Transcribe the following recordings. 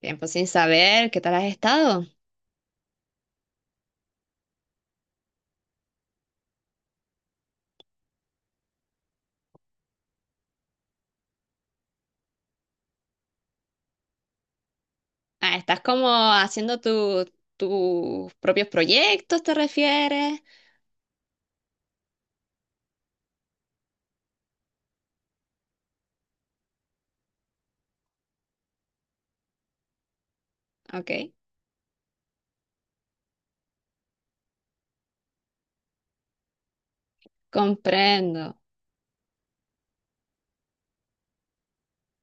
Tiempo sin saber, ¿qué tal has estado? Ah, ¿estás como haciendo tus propios proyectos, te refieres? Ok, comprendo.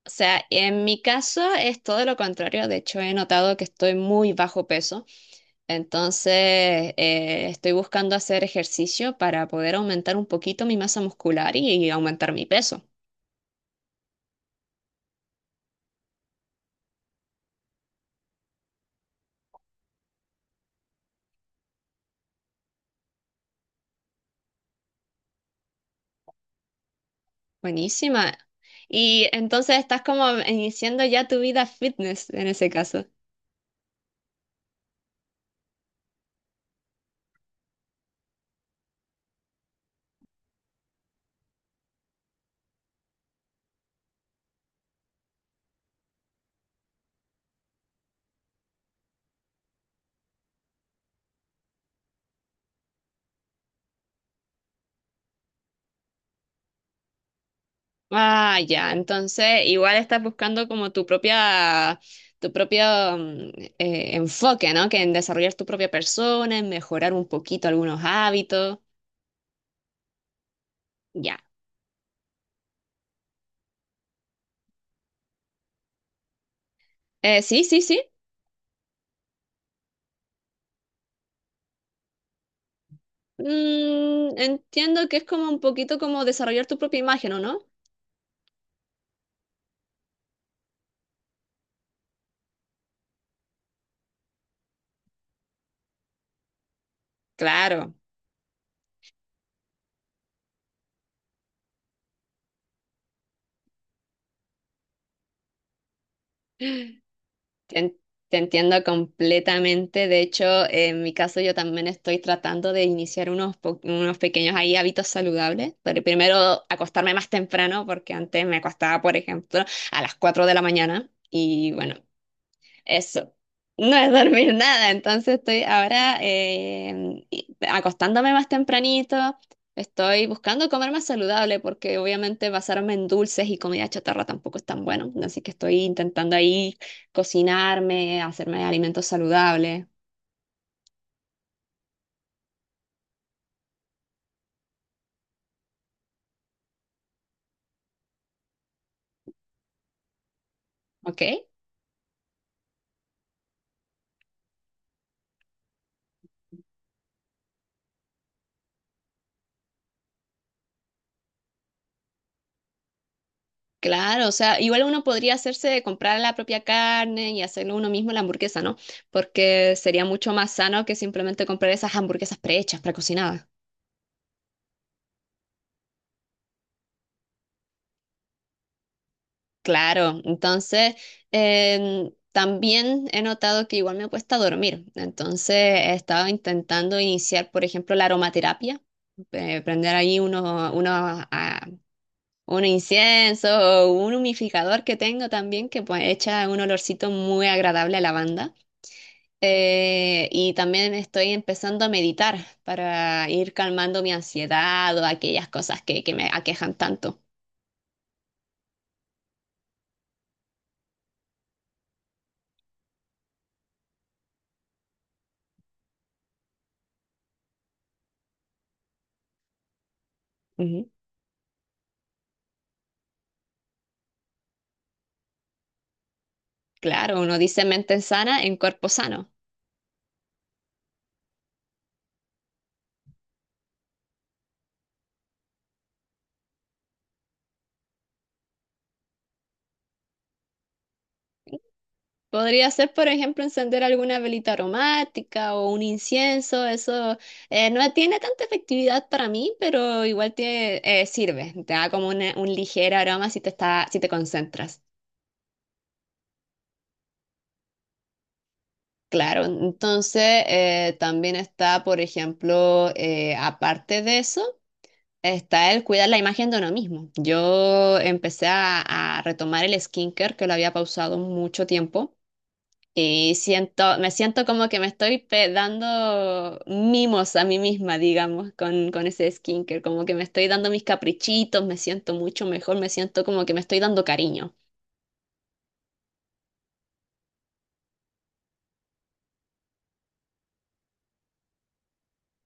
O sea, en mi caso es todo lo contrario. De hecho, he notado que estoy muy bajo peso. Entonces, estoy buscando hacer ejercicio para poder aumentar un poquito mi masa muscular y aumentar mi peso. Buenísima. Y entonces estás como iniciando ya tu vida fitness en ese caso. Ah, ya. Entonces, igual estás buscando como tu propia, tu propio mm, enfoque, ¿no? Que en desarrollar tu propia persona, en mejorar un poquito algunos hábitos. Ya. Sí, sí, sí. Mm, entiendo que es como un poquito como desarrollar tu propia imagen, ¿o no? Claro. Te, en- Te entiendo completamente. De hecho, en mi caso yo también estoy tratando de iniciar unos pequeños ahí hábitos saludables. Pero primero acostarme más temprano porque antes me acostaba, por ejemplo, a las 4 de la mañana. Y bueno, eso. No es dormir nada, entonces estoy ahora acostándome más tempranito, estoy buscando comer más saludable porque obviamente basarme en dulces y comida chatarra tampoco es tan bueno, así que estoy intentando ahí cocinarme, hacerme alimentos saludables, ¿ok? Claro, o sea, igual uno podría hacerse comprar la propia carne y hacerlo uno mismo la hamburguesa, ¿no? Porque sería mucho más sano que simplemente comprar esas hamburguesas prehechas, precocinadas. Claro, entonces también he notado que igual me cuesta dormir. Entonces he estado intentando iniciar, por ejemplo, la aromaterapia, prender ahí ah, un incienso o un humidificador que tengo también que pues, echa un olorcito muy agradable a lavanda. Y también estoy empezando a meditar para ir calmando mi ansiedad o aquellas cosas que me aquejan tanto. Ujú. Claro, uno dice mente sana en cuerpo sano. Podría ser, por ejemplo, encender alguna velita aromática o un incienso. Eso no tiene tanta efectividad para mí, pero igual tiene, sirve. Te da como un ligero aroma si te está, si te concentras. Claro, entonces también está, por ejemplo, aparte de eso, está el cuidar la imagen de uno mismo. Yo a retomar el skincare que lo había pausado mucho tiempo. Y siento, me siento como que me estoy dando mimos a mí misma, digamos, con ese skincare, como que me estoy dando mis caprichitos, me siento mucho mejor, me siento como que me estoy dando cariño.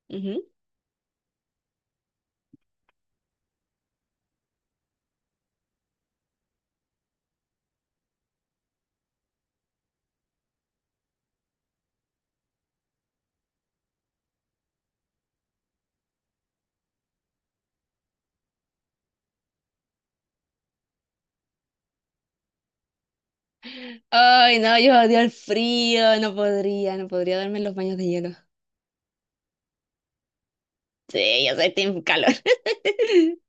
Ujú. Ay, no, yo odio el frío, no podría darme los baños de hielo. Sí, yo soy team calor.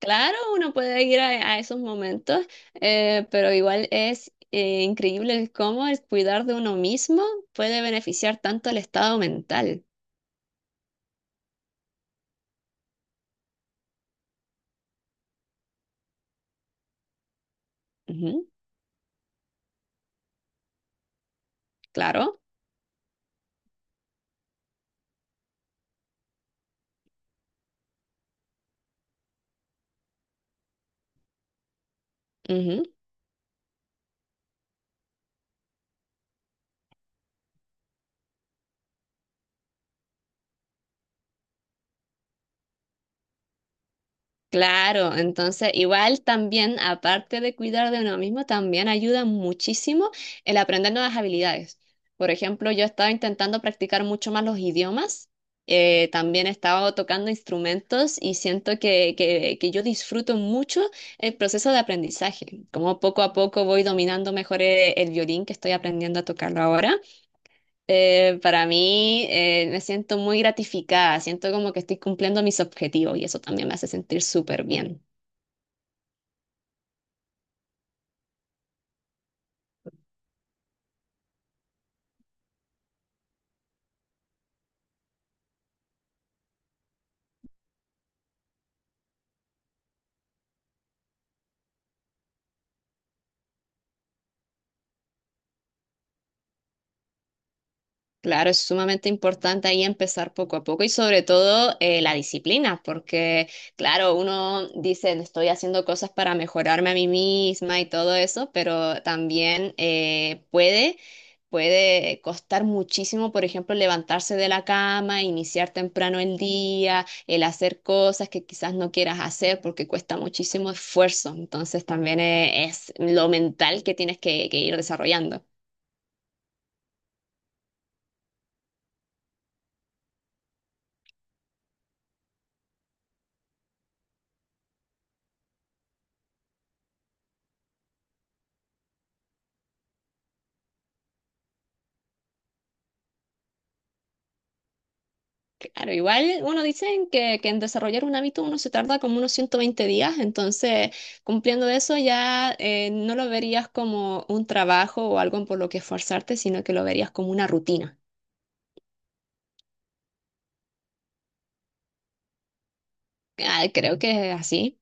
Claro, uno puede ir a esos momentos, pero igual es increíble el cómo el cuidar de uno mismo puede beneficiar tanto al estado mental. Claro, ujú. Claro, entonces igual también, aparte de cuidar de uno mismo, también ayuda muchísimo el aprender nuevas habilidades. Por ejemplo, yo estaba intentando practicar mucho más los idiomas, también he estado tocando instrumentos y siento que yo disfruto mucho el proceso de aprendizaje, como poco a poco voy dominando mejor el violín que estoy aprendiendo a tocarlo ahora. Para mí me siento muy gratificada, siento como que estoy cumpliendo mis objetivos y eso también me hace sentir súper bien. Claro, es sumamente importante ahí empezar poco a poco y sobre todo la disciplina, porque claro, uno dice, estoy haciendo cosas para mejorarme a mí misma y todo eso, pero también puede costar muchísimo, por ejemplo, levantarse de la cama, iniciar temprano el día, el hacer cosas que quizás no quieras hacer porque cuesta muchísimo esfuerzo. Entonces también es lo mental que tienes que ir desarrollando. Claro, igual, bueno, dicen que en desarrollar un hábito uno se tarda como unos 120 días, entonces cumpliendo eso ya no lo verías como un trabajo o algo por lo que esforzarte, sino que lo verías como una rutina. Ah, creo que es así.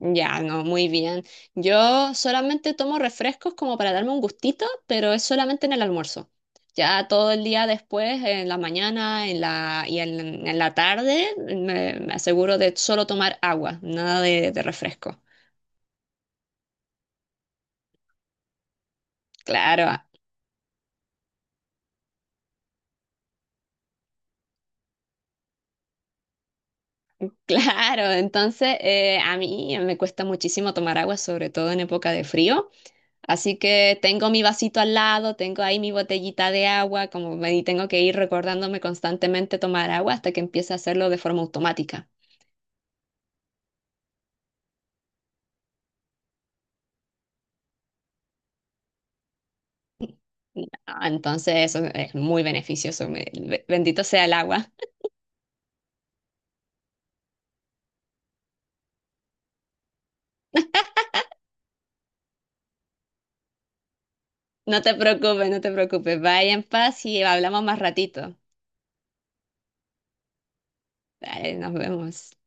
Ya, no, muy bien. Yo solamente tomo refrescos como para darme un gustito, pero es solamente en el almuerzo. Ya todo el día después, en la mañana, y en la tarde, me aseguro de solo tomar agua, nada de refresco. Claro, ah, claro. Entonces, a mí me cuesta muchísimo tomar agua, sobre todo en época de frío. Así que tengo mi vasito al lado, tengo ahí mi botellita de agua, como me y tengo que ir recordándome constantemente tomar agua hasta que empiece a hacerlo de forma automática. Ah, entonces, eso es muy beneficioso. Bendito sea el agua. No te preocupes, no te preocupes. Vaya en paz y hablamos más ratito. Dale, nos vemos.